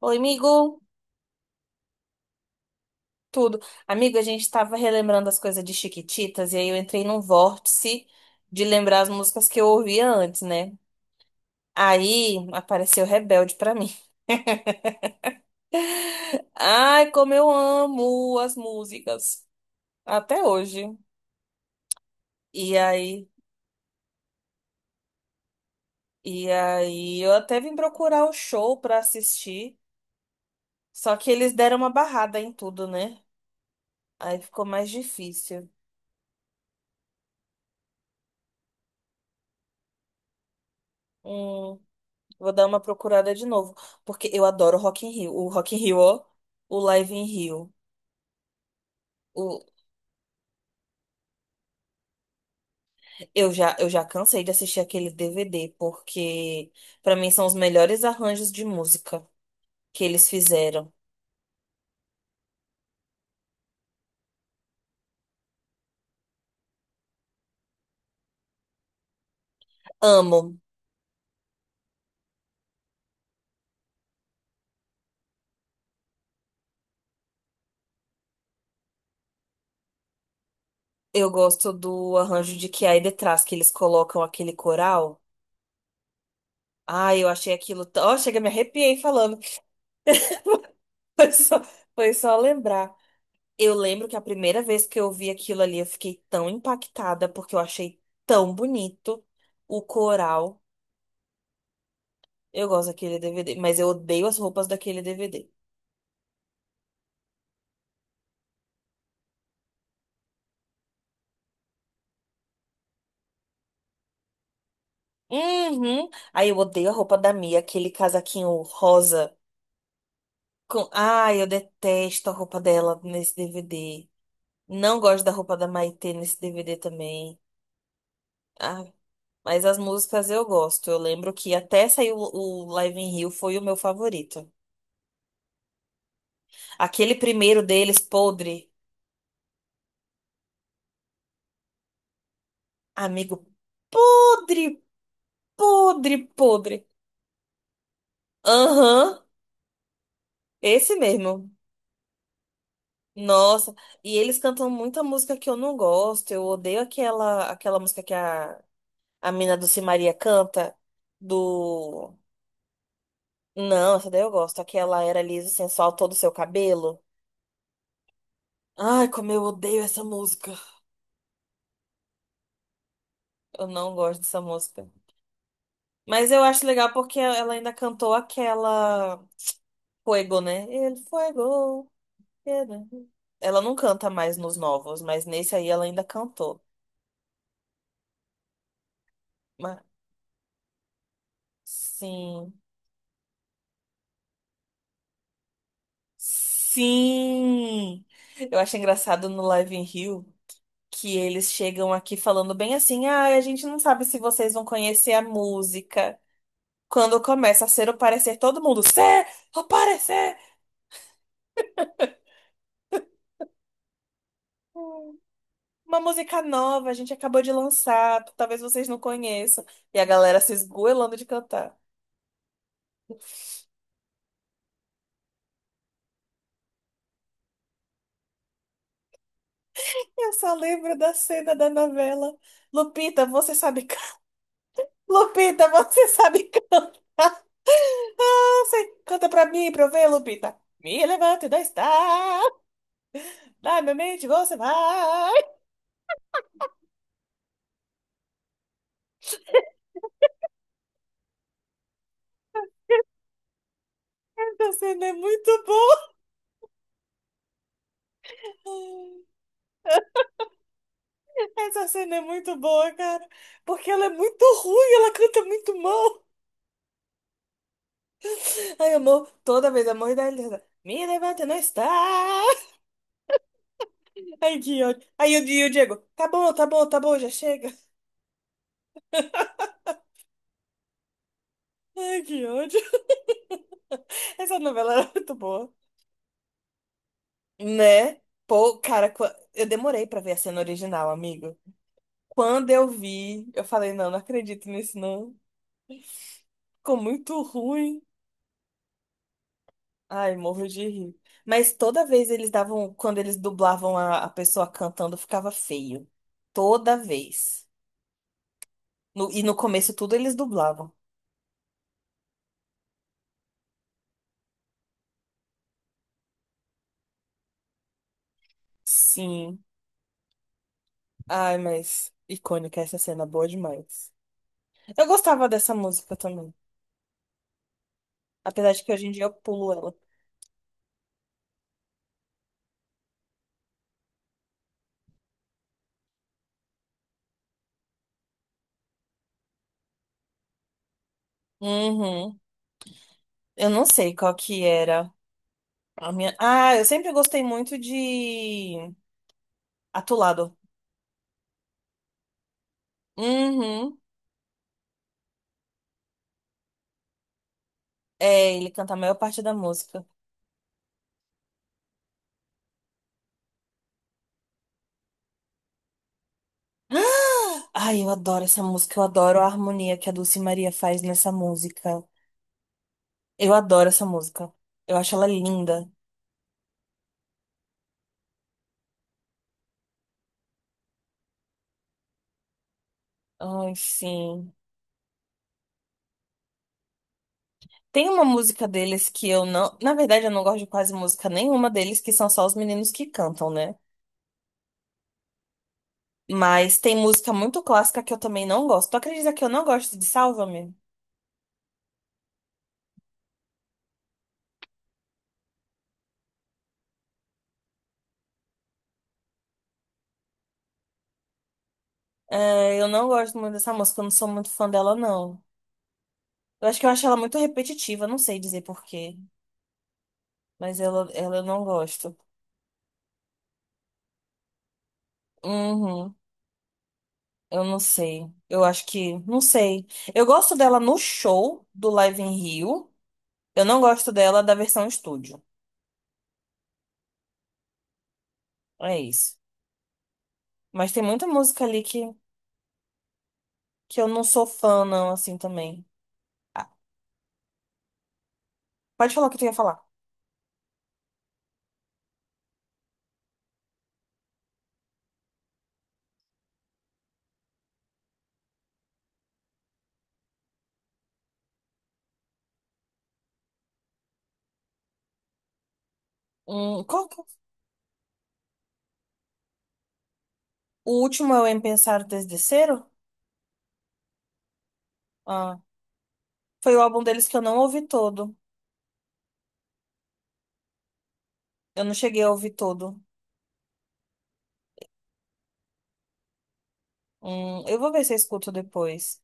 Oi, amigo. Tudo. Amigo, a gente tava relembrando as coisas de Chiquititas e aí eu entrei num vórtice de lembrar as músicas que eu ouvia antes, né? Aí apareceu Rebelde pra mim. Ai, como eu amo as músicas até hoje. E aí, e aí, eu até vim procurar o show pra assistir, só que eles deram uma barrada em tudo, né? Aí ficou mais difícil. Hum, Vou dar uma procurada de novo, porque eu adoro o Rock in Rio. O Rock in Rio, ó, o Live in Rio. O, eu já cansei de assistir aquele DVD, porque pra mim são os melhores arranjos de música que eles fizeram. Amo. Eu gosto do arranjo de Que Há Detrás, que eles colocam aquele coral. Ai, eu achei aquilo ó, chega, me arrepiei falando. Foi só, foi só lembrar. Eu lembro que a primeira vez que eu vi aquilo ali, eu fiquei tão impactada, porque eu achei tão bonito o coral. Eu gosto daquele DVD, mas eu odeio as roupas daquele DVD. Uhum. Aí eu odeio a roupa da Mia, aquele casaquinho rosa. Com... Ai, eu detesto a roupa dela nesse DVD. Não gosto da roupa da Maitê nesse DVD também. Ah, mas as músicas eu gosto. Eu lembro que até saiu o Live in Rio foi o meu favorito. Aquele primeiro deles, podre. Amigo, podre, podre, podre. Aham, esse mesmo. Nossa, e eles cantam muita música que eu não gosto. Eu odeio aquela música que a mina do Simaria canta. Do. Não, essa daí eu gosto. Aquela era liso, e sensual, todo o seu cabelo. Ai, como eu odeio essa música. Eu não gosto dessa música. Mas eu acho legal porque ela ainda cantou aquela Fuego, né? El Fuego. Era. Ela não canta mais nos novos, mas nesse aí ela ainda cantou. Mas, sim. Sim! Eu acho engraçado no Live in Rio que eles chegam aqui falando bem assim: ah, a gente não sabe se vocês vão conhecer a música. Quando começa a ser o parecer, todo mundo, ser o parecer! Hum, Uma música nova, a gente acabou de lançar, talvez vocês não conheçam. E a galera se esgoelando de cantar. Eu só lembro da cena da novela. Lupita, você sabe. Lupita, você sabe cantar. Você canta pra mim, pra eu ver, Lupita. Me levante da estrada. Na minha mente você vai. Essa cena é muito boa. Essa cena é muito boa, cara. Porque ela é muito ruim, ela canta muito mal. Ai, amor, toda vez, amor da Elisa. Me levante não está. Ai, que ódio. Aí o o Diego. Tá bom, tá bom, tá bom, já chega. Ai, que ódio. Essa novela era muito boa. Né? Pô, cara, eu demorei pra ver a cena original, amigo. Quando eu vi, eu falei, não, não acredito nisso, não. Ficou muito ruim. Ai, morro de rir. Mas toda vez eles davam, quando eles dublavam a pessoa cantando, ficava feio. Toda vez. E no começo tudo eles dublavam. Sim. Ai, mas icônica essa cena, boa demais. Eu gostava dessa música também. Apesar de que hoje em dia eu pulo ela. Uhum. Eu não sei qual que era. A minha... Ah, eu sempre gostei muito de Atulado. Uhum. É, ele canta a maior parte da música. Ah. Ai, eu adoro essa música. Eu adoro a harmonia que a Dulce Maria faz nessa música. Eu adoro essa música. Eu acho ela linda. Ai, sim. Tem uma música deles que eu não. Na verdade, eu não gosto de quase música nenhuma deles, que são só os meninos que cantam, né? Mas tem música muito clássica que eu também não gosto. Tu acredita que eu não gosto de Sálvame? É, eu não gosto muito dessa música, eu não sou muito fã dela, não. Eu acho que eu acho ela muito repetitiva, não sei dizer por quê, mas ela eu não gosto. Uhum, eu não sei. Eu acho que, não sei. Eu gosto dela no show do Live in Rio, eu não gosto dela da versão estúdio. É isso. Mas tem muita música ali que eu não sou fã, não, assim também. Ah, pode falar o que tu ia falar. Qual que... é? O último é o Em Pensar Desde Cero? Ah, foi o álbum deles que eu não ouvi todo. Eu não cheguei a ouvir todo. Eu vou ver se eu escuto depois.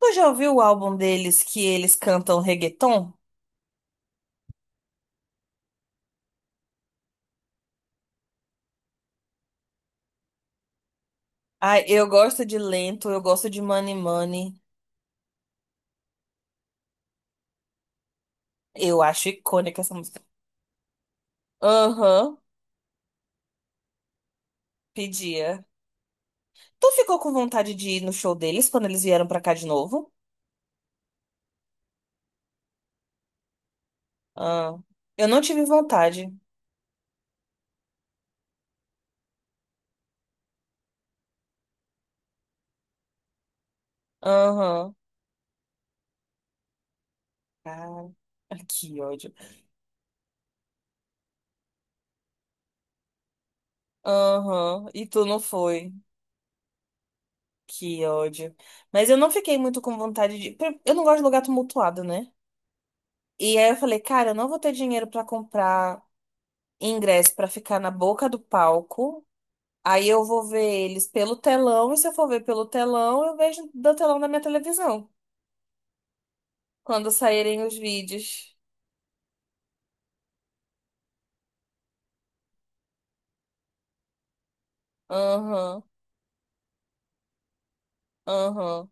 Tu já ouviu o álbum deles que eles cantam reggaeton? Ai, eu gosto de Lento, eu gosto de Money Money. Eu acho icônica essa música. Aham, pedia. Tu ficou com vontade de ir no show deles quando eles vieram pra cá de novo? Ah, eu não tive vontade. Aham. Cara, que ódio. Aham, e tu não foi. Que ódio. Mas eu não fiquei muito com vontade de. Eu não gosto de lugar tumultuado, né? E aí eu falei, cara, eu não vou ter dinheiro pra comprar ingresso pra ficar na boca do palco. Aí eu vou ver eles pelo telão, e se eu for ver pelo telão, eu vejo do telão da minha televisão, quando saírem os vídeos. Aham, aham.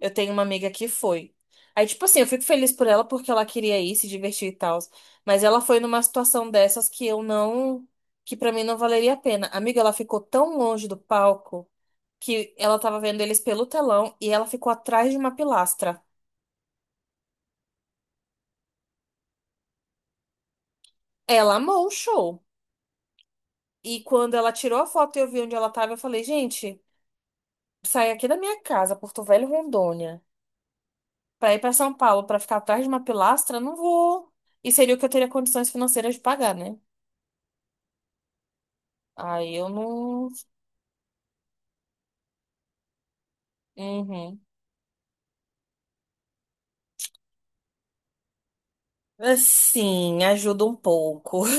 Eu tenho uma amiga que foi. Aí, tipo assim, eu fico feliz por ela porque ela queria ir, se divertir e tal. Mas ela foi numa situação dessas que eu não, que pra mim não valeria a pena. Amiga, ela ficou tão longe do palco, que ela tava vendo eles pelo telão e ela ficou atrás de uma pilastra. Ela amou o show. E quando ela tirou a foto e eu vi onde ela tava, eu falei, gente, sair aqui da minha casa, Porto Velho, Rondônia, pra ir pra São Paulo pra ficar atrás de uma pilastra, não vou. E seria o que eu teria condições financeiras de pagar, né? Aí eu não. Uhum. Assim, ajuda um pouco.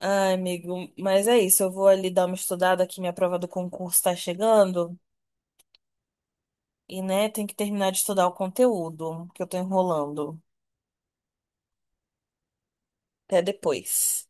Ai, amigo, mas é isso. Eu vou ali dar uma estudada que minha prova do concurso tá chegando. E, né, tem que terminar de estudar o conteúdo, que eu tô enrolando. Até depois.